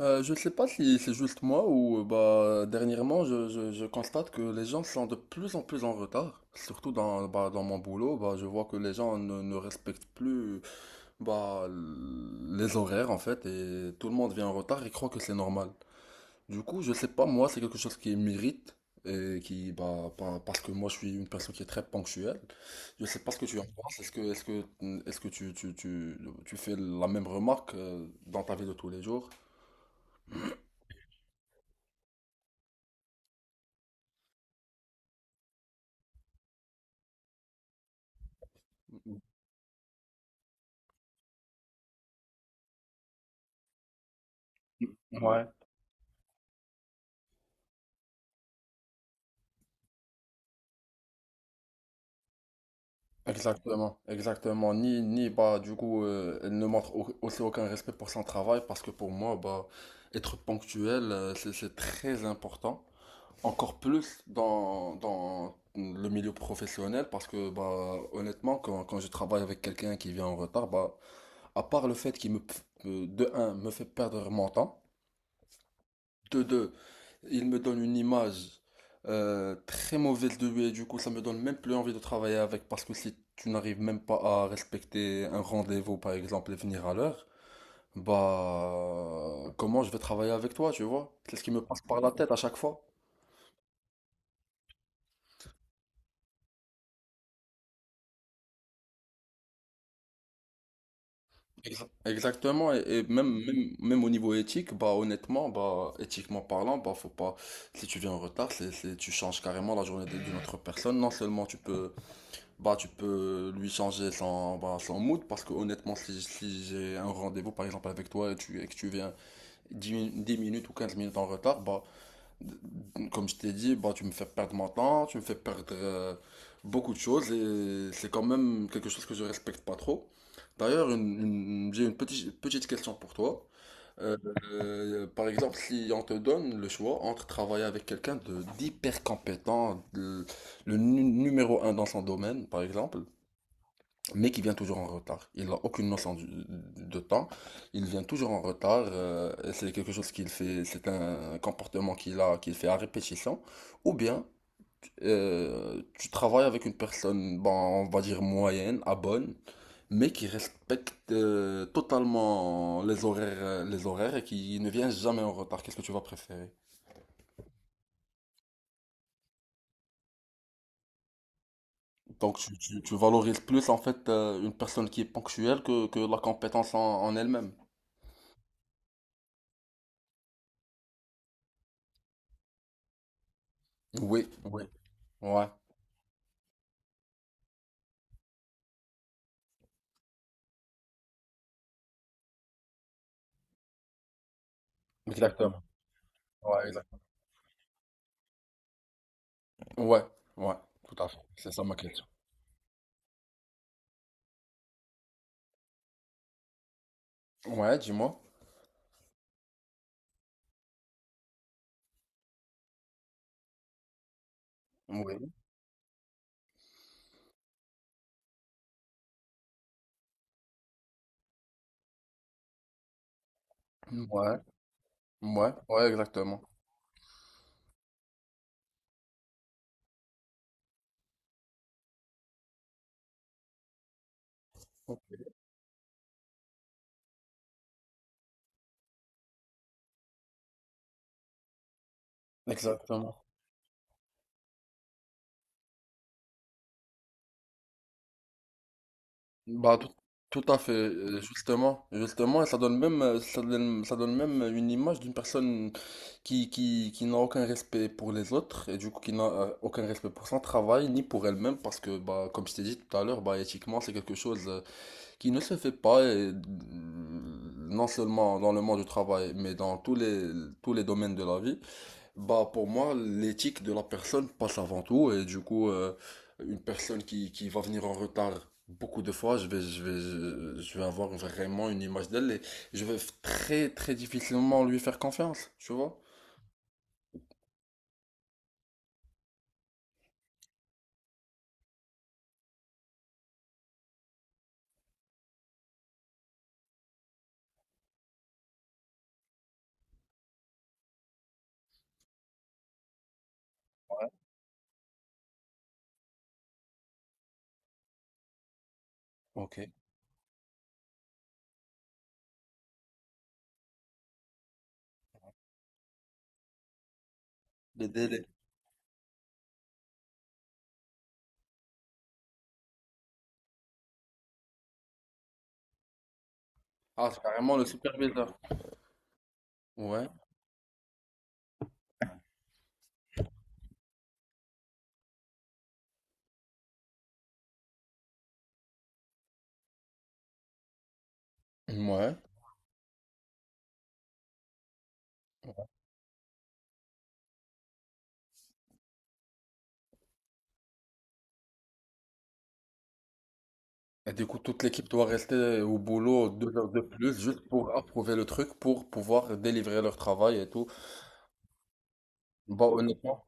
Je ne sais pas si c'est juste moi ou bah dernièrement je constate que les gens sont de plus en plus en retard. Surtout bah, dans mon boulot, bah, je vois que les gens ne respectent plus bah, les horaires en fait et tout le monde vient en retard et croit que c'est normal. Du coup, je sais pas, moi c'est quelque chose qui m'irrite et qui bah, parce que moi je suis une personne qui est très ponctuelle. Je sais pas ce que tu en penses. Est-ce que tu fais la même remarque dans ta vie de tous les jours? Ouais. Exactement, exactement. Ni bah du coup elle ne montre aussi aucun respect pour son travail parce que pour moi bah être ponctuel c'est très important. Encore plus dans le milieu professionnel parce que bah honnêtement quand je travaille avec quelqu'un qui vient en retard bah à part le fait de un me fait perdre mon temps de deux, il me donne une image très mauvaise de lui et du coup ça me donne même plus envie de travailler avec parce que si tu n'arrives même pas à respecter un rendez-vous par exemple et venir à l'heure, bah comment je vais travailler avec toi, tu vois? C'est ce qui me passe par la tête à chaque fois. Exactement, et même au niveau éthique, bah honnêtement, bah éthiquement parlant, bah faut pas, si tu viens en retard, tu changes carrément la journée d'une autre personne, non seulement tu peux. Bah, tu peux lui changer son, bah, son mood parce que honnêtement, si j'ai un rendez-vous par exemple avec toi et, et que tu viens 10 minutes ou 15 minutes en retard, bah, comme je t'ai dit, bah, tu me fais perdre mon temps, tu me fais perdre beaucoup de choses et c'est quand même quelque chose que je respecte pas trop. D'ailleurs, j'ai une petite, petite question pour toi. Euh, par exemple, si on te donne le choix entre travailler avec quelqu'un de d'hyper compétent, le numéro un dans son domaine, par exemple, mais qui vient toujours en retard. Il n'a aucune notion de temps, il vient toujours en retard, c'est quelque chose qu'il fait, c'est un comportement qu'il a, qu'il fait à répétition, ou bien tu travailles avec une personne, bon, on va dire moyenne, à bonne, mais qui respecte totalement les horaires, les horaires et qui ne vient jamais en retard. Qu'est-ce que tu vas préférer? Donc tu valorises plus en fait une personne qui est ponctuelle que la compétence en elle-même. Oui, oui, ouais. Exactement. Ouais, exact. Ouais, ouais, tout à fait. C'est ça ma question. Ouais, dis-moi. Oui. Ouais, ouais, ouais, exactement. Exactement. Bah, tout à fait, justement, justement, et ça donne même une image d'une personne qui n'a aucun respect pour les autres, et du coup qui n'a aucun respect pour son travail, ni pour elle-même, parce que, bah, comme je t'ai dit tout à l'heure, bah, éthiquement, c'est quelque chose qui ne se fait pas, et, non seulement dans le monde du travail, mais dans tous les domaines de la vie, bah pour moi, l'éthique de la personne passe avant tout. Et du coup, une personne qui va venir en retard beaucoup de fois, je vais avoir vraiment une image d'elle et je vais très, très difficilement lui faire confiance, tu vois? Ok. Les délais. Ah, c'est carrément le superviseur. Ouais. Ouais. Et du coup, toute l'équipe doit rester au boulot 2 heures de plus juste pour approuver le truc, pour pouvoir délivrer leur travail et tout. Bah, honnêtement,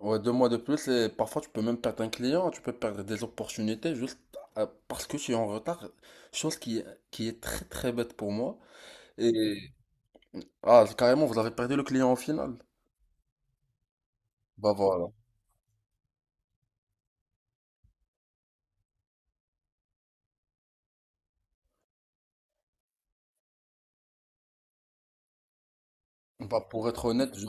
ouais, 2 mois de plus, et parfois tu peux même perdre un client, tu peux perdre des opportunités juste parce que tu es en retard. Chose qui est très très bête pour moi. Et ah, carrément, vous avez perdu le client au final. Bah voilà. Bah, pour être honnête,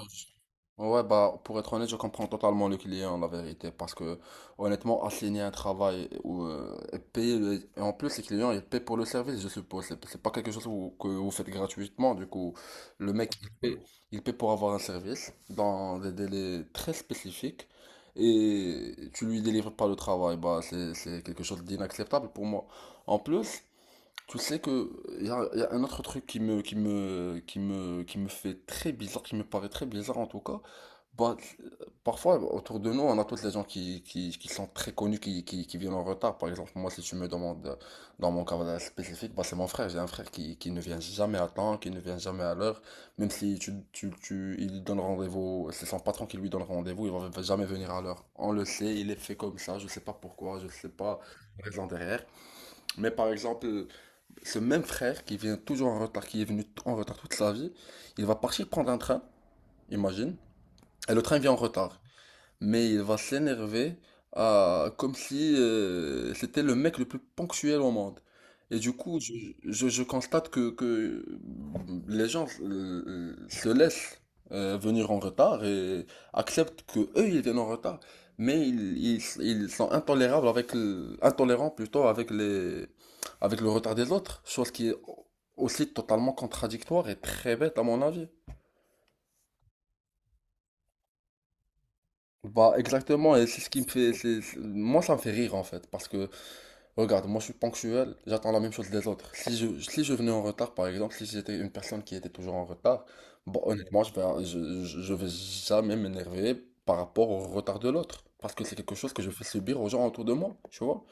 ouais, bah, pour être honnête, je comprends totalement le client, la vérité, parce que, honnêtement, assigner un travail ou et payer, et en plus, les clients, ils paient pour le service, je suppose. C'est pas quelque chose que vous faites gratuitement, du coup, le mec, il paie pour avoir un service dans des délais très spécifiques et tu lui délivres pas le travail, bah, c'est quelque chose d'inacceptable pour moi. En plus, tu sais que y a un autre truc qui me fait très bizarre, qui me paraît très bizarre en tout cas, bah, parfois, autour de nous, on a toutes les gens qui sont très connus, qui viennent en retard. Par exemple, moi, si tu me demandes dans mon cas spécifique, bah, c'est mon frère. J'ai un frère qui ne vient jamais à temps, qui ne vient jamais à l'heure. Même si il lui donne rendez-vous, c'est son patron qui lui donne rendez-vous, il va jamais venir à l'heure. On le sait, il est fait comme ça. Je sais pas pourquoi, je sais pas la raison derrière. Mais par exemple, ce même frère qui vient toujours en retard, qui est venu en retard toute sa vie, il va partir prendre un train, imagine, et le train vient en retard mais il va s'énerver comme si c'était le mec le plus ponctuel au monde. Et du coup, je constate que les gens se laissent venir en retard et acceptent que eux ils viennent en retard, mais ils sont intolérables intolérants plutôt avec les avec le retard des autres, chose qui est aussi totalement contradictoire et très bête à mon avis. Bah exactement, et c'est ce qui me fait, moi ça me fait rire en fait, parce que regarde, moi je suis ponctuel, j'attends la même chose des autres. Si je venais en retard, par exemple, si j'étais une personne qui était toujours en retard, bon, honnêtement, je vais jamais m'énerver par rapport au retard de l'autre. Parce que c'est quelque chose que je fais subir aux gens autour de moi, tu vois.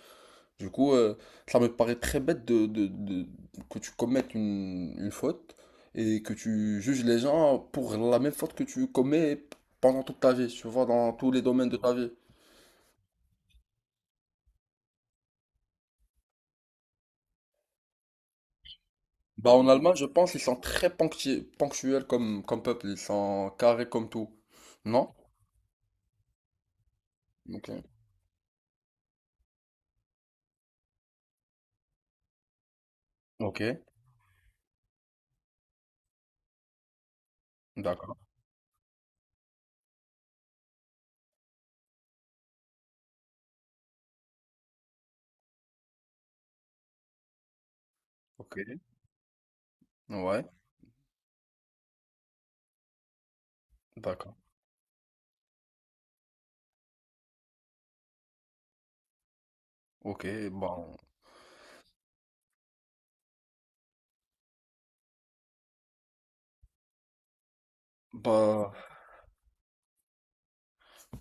Du coup, ça me paraît très bête que tu commettes une faute et que tu juges les gens pour la même faute que tu commets pendant toute ta vie, tu vois, dans tous les domaines de ta vie. Bah en Allemagne, je pense ils sont très ponctuels comme peuple, ils sont carrés comme tout. Non? Ok. Ok. D'accord. Ok. Ouais. D'accord. Ok. Bon. Bah,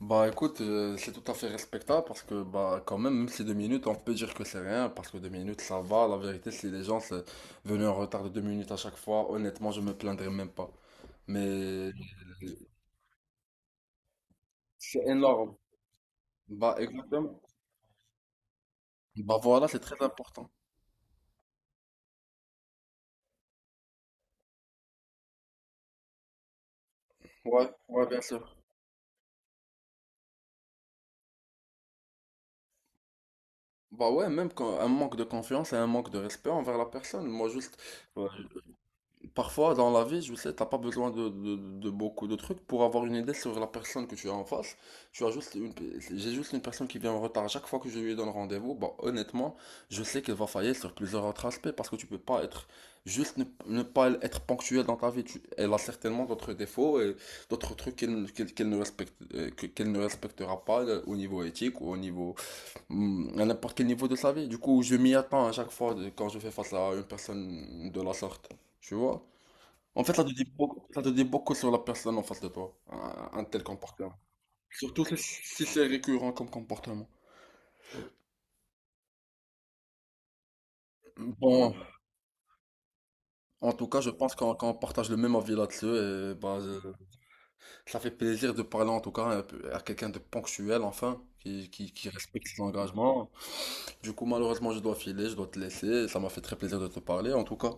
bah, écoute, c'est tout à fait respectable parce que bah quand même, même si 2 minutes, on peut dire que c'est rien, parce que 2 minutes ça va. La vérité, si les gens sont venus en retard de 2 minutes à chaque fois, honnêtement, je me plaindrais même pas. Mais c'est énorme. Bah exactement. Bah voilà, c'est très important. Ouais, ouais, bien sûr. Bah ouais, même quand un manque de confiance et un manque de respect envers la personne. Moi, juste, euh, parfois dans la vie, je sais, t'as pas besoin de beaucoup de trucs pour avoir une idée sur la personne que tu as en face. Tu as juste une, j'ai juste une personne qui vient en retard chaque fois que je lui donne rendez-vous. Bah, honnêtement, je sais qu'elle va faillir sur plusieurs autres aspects parce que tu peux pas être, juste ne pas être ponctuel dans ta vie. Elle a certainement d'autres défauts et d'autres trucs qu'elle ne respecte, qu'elle ne respectera pas au niveau éthique ou au niveau à n'importe quel niveau de sa vie. Du coup, je m'y attends à chaque fois quand je fais face à une personne de la sorte. Tu vois? En fait, ça te dit beaucoup, ça te dit beaucoup sur la personne en face de toi, un tel comportement. Surtout si c'est récurrent comme comportement. Bon, en tout cas, je pense qu'on partage le même avis là-dessus et bah, ça fait plaisir de parler en tout cas un peu à quelqu'un de ponctuel enfin, qui respecte ses engagements. Du coup, malheureusement, je dois filer, je dois te laisser. Ça m'a fait très plaisir de te parler en tout cas.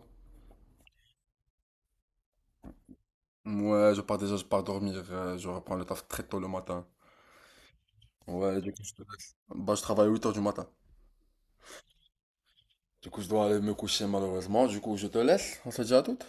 Ouais, je pars déjà, je pars dormir, je reprends le taf très tôt le matin. Ouais, du coup, je te laisse. Bah, je travaille 8 heures du matin. Du coup, je dois aller me coucher malheureusement. Du coup, je te laisse. On se dit à toutes.